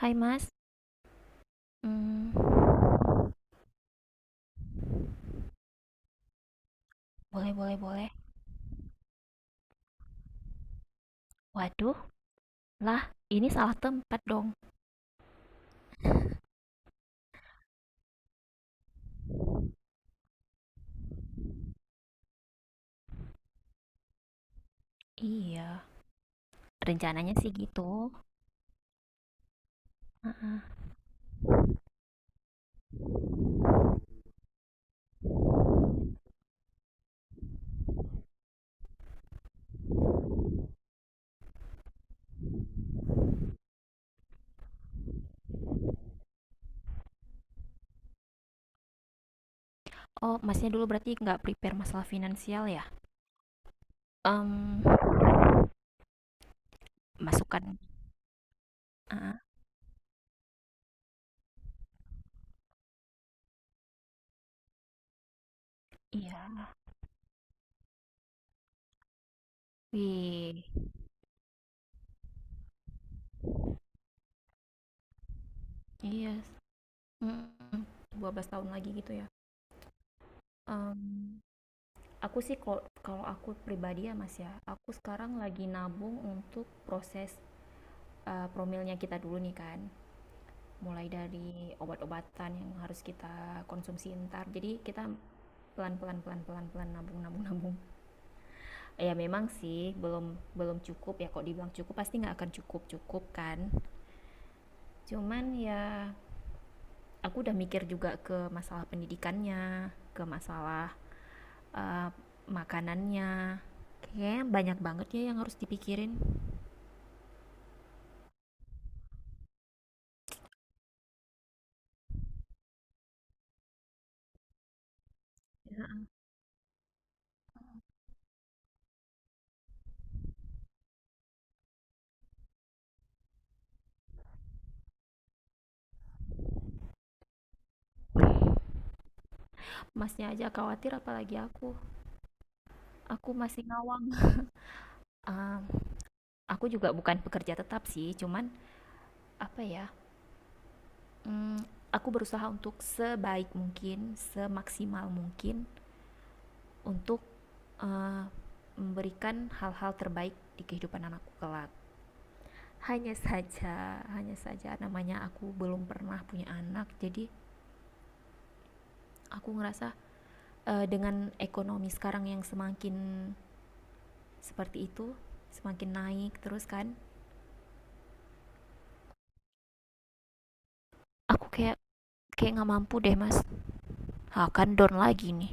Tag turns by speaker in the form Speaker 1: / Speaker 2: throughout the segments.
Speaker 1: Hai Mas, mmm, boleh boleh boleh. Waduh, lah ini salah tempat dong. Iya, rencananya sih gitu, heeh. Oh, Masnya dulu berarti nggak prepare masalah finansial ya? Mmm, masukan. Heeh, iya. Wih, iya, Mm, 12 tahun lagi gitu ya? Mmm, aku sih kalau kalau aku pribadi ya Mas ya, aku sekarang lagi nabung untuk proses, promilnya kita dulu nih kan. Mulai dari obat-obatan yang harus kita konsumsi ntar, jadi kita pelan-pelan nabung nabung nabung. Ya memang sih belum belum cukup. Ya kok dibilang cukup, pasti nggak akan cukup cukup kan. Cuman ya, aku udah mikir juga ke masalah pendidikannya, ke masalah eh, makanannya. Kayaknya banyak banget ya yang harus dipikirin. Ya, masnya aja khawatir apalagi aku. Aku masih ngawang. Ah, aku juga bukan pekerja tetap sih, cuman apa ya. Mmm, aku berusaha untuk sebaik mungkin, semaksimal mungkin untuk, eee, memberikan hal-hal terbaik di kehidupan anakku kelak. Hanya saja, namanya aku belum pernah punya anak, jadi aku ngerasa, dengan ekonomi sekarang yang semakin seperti itu, semakin naik terus kan, aku kayak kayak nggak mampu deh Mas. Akan down lagi nih.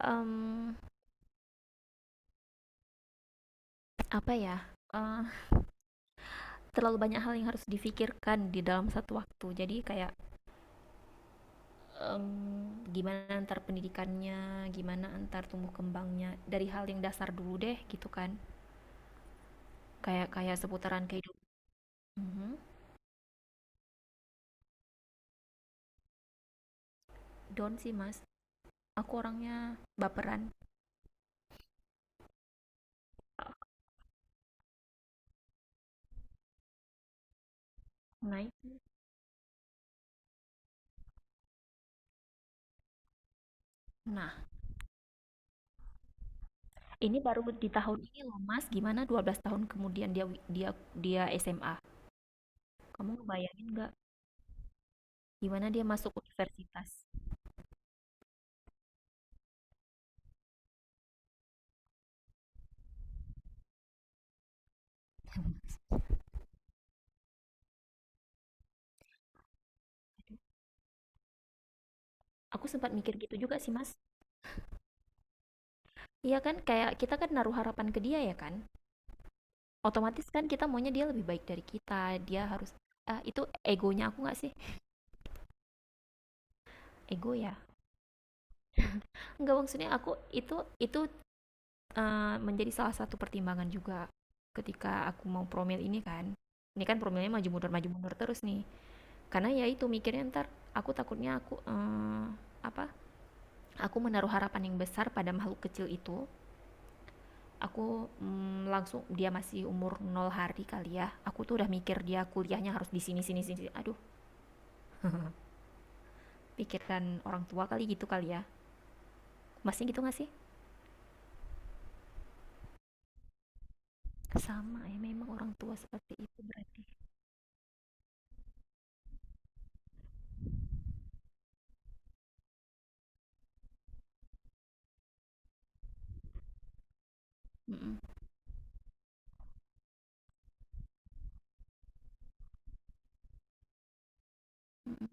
Speaker 1: Um, Apa ya, terlalu banyak hal yang harus difikirkan di dalam satu waktu, jadi kayak em, gimana antar pendidikannya, gimana antar tumbuh kembangnya. Dari hal yang dasar dulu deh gitu kan, kayak kayak seputaran kehidupan. Mhm. Down sih mas. Aku orangnya baperan. Naik. Nah, ini baru di tahun ini loh mas, gimana 12 tahun kemudian dia wi- dia dia SMA. Kamu ngebayangin nggak gimana dia masuk universitas? Aku sempat mikir gitu juga sih mas. Iya kan, kayak kita kan naruh harapan ke dia ya kan. Otomatis kan kita maunya dia lebih baik dari kita, dia harus ah, itu egonya aku nggak sih? Ego ya? Nggak, maksudnya aku itu menjadi salah satu pertimbangan juga ketika aku mau promil ini kan. Ini kan promilnya maju mundur terus nih. Karena ya itu mikirnya ntar, aku takutnya aku apa? Aku menaruh harapan yang besar pada makhluk kecil itu. Aku langsung dia masih umur 0 hari kali ya. Aku tuh udah mikir dia kuliahnya harus di sini sini sini. Aduh, pikirkan orang tua kali gitu kali ya. Masih gitu nggak sih? Sama ya, memang orang tua seperti itu berarti. Mhm, mhm.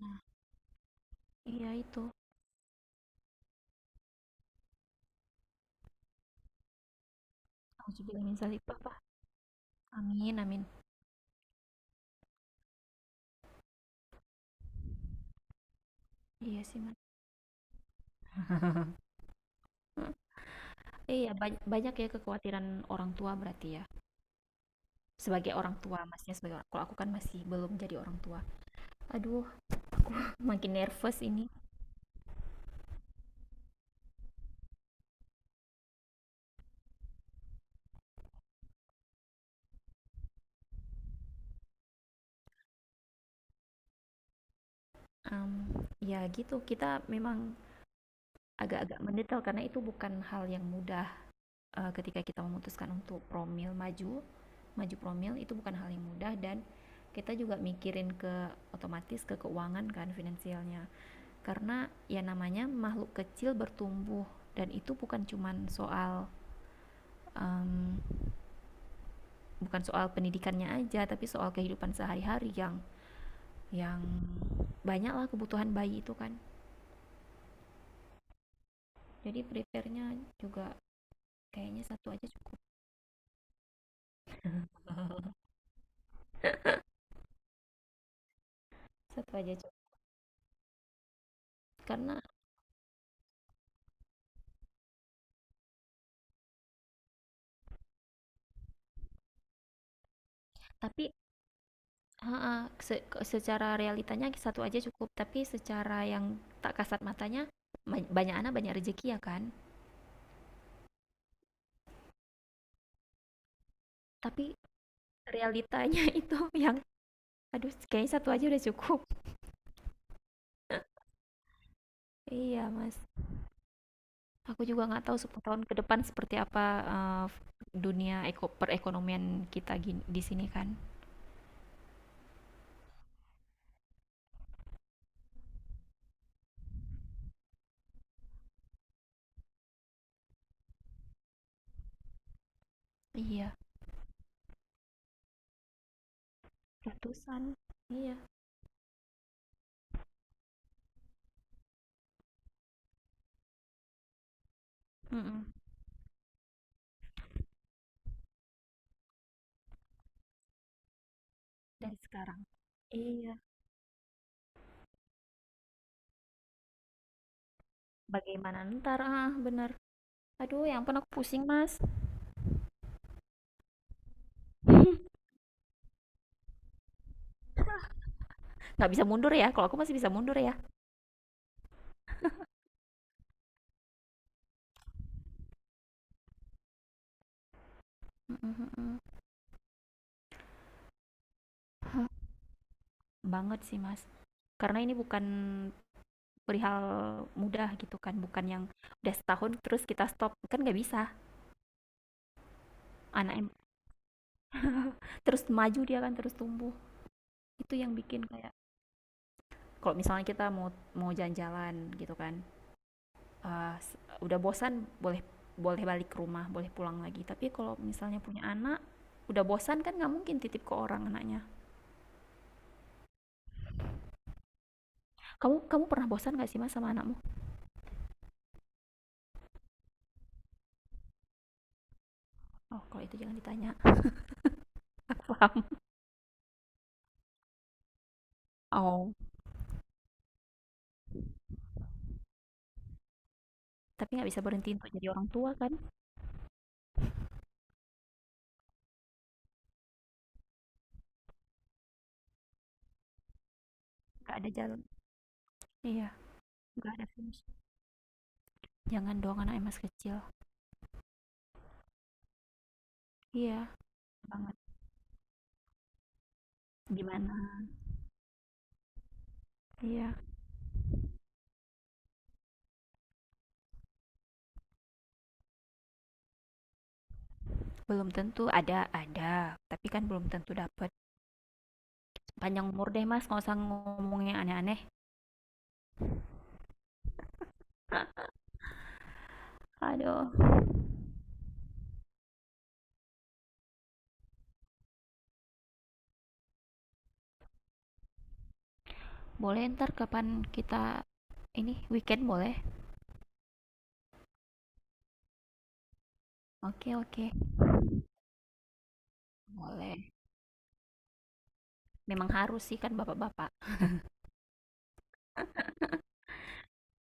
Speaker 1: Nah, iya itu. Nauzubillah min dzalik, Pak, Pak. Amin amin. Iya sih, man. Heeh. Iya, banyak ya kekhawatiran orang tua berarti ya? Sebagai orang tua, Masnya sebagai orang, kalau aku kan masih belum jadi orang tua. Aduh, makin nervous ini. Mmm, Ya gitu, kita memang agak-agak mendetail karena itu bukan hal yang mudah, ketika kita memutuskan untuk promil maju maju promil itu bukan hal yang mudah. Dan kita juga mikirin ke otomatis ke keuangan kan, finansialnya karena ya namanya makhluk kecil bertumbuh. Dan itu bukan cuman soal um, bukan soal pendidikannya aja, tapi soal kehidupan sehari-hari yang yang banyak lah kebutuhan bayi itu kan. Jadi prepare-nya juga kayaknya satu aja cukup. Satu aja cukup, karena tapi. Heeh, secara realitanya satu aja cukup, tapi secara yang tak kasat matanya, banyak anak banyak rezeki ya kan. Tapi realitanya itu yang aduh, kayaknya satu aja udah cukup. Iya, Mas. Aku juga nggak tahu 10 tahun ke depan seperti apa, eh, dunia perekonomian kita di sini kan. Iya, ratusan. Iya. Mm-mm. Dari sekarang. Iya. Bagaimana ntar? Ah, benar. Aduh, yang pun aku pusing, Mas. Nggak bisa mundur ya, kalau aku masih bisa mundur ya. Mm-mm-mm. Banget sih mas, karena ini bukan perihal mudah gitu kan, bukan yang udah setahun terus kita stop kan nggak bisa. Anak terus maju, dia kan terus tumbuh. Itu yang bikin kayak kalau misalnya kita mau mau jalan-jalan gitu kan, eh, s- udah bosan boleh, balik ke rumah, boleh pulang lagi. Tapi kalau misalnya punya anak udah bosan kan nggak mungkin titip ke orang anaknya. Kamu kamu pernah bosan nggak sih mas sama anakmu? Oh, kalau itu jangan ditanya. Paham. Oh. Tapi nggak bisa berhenti untuk jadi orang tua kan, nggak ada jalan. Iya, nggak ada finish. Jangan dong anak emas kecil. Iya, banget. Gimana? Iya, belum tentu ada, tapi kan belum tentu dapat. Panjang umur deh mas, nggak usah ngomongnya aneh-aneh. Aduh, boleh ntar kapan kita, ini weekend boleh? Oke oke, boleh. Memang harus sih kan bapak-bapak.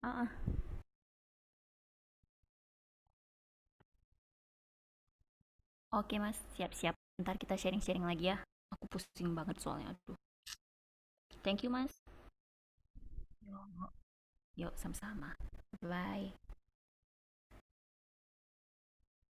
Speaker 1: Ah, ah. Oke mas, siap-siap. Ntar kita sharing-sharing lagi ya. Aku pusing banget soalnya. Aduh, thank you mas. Yuk, sama-sama. Bye.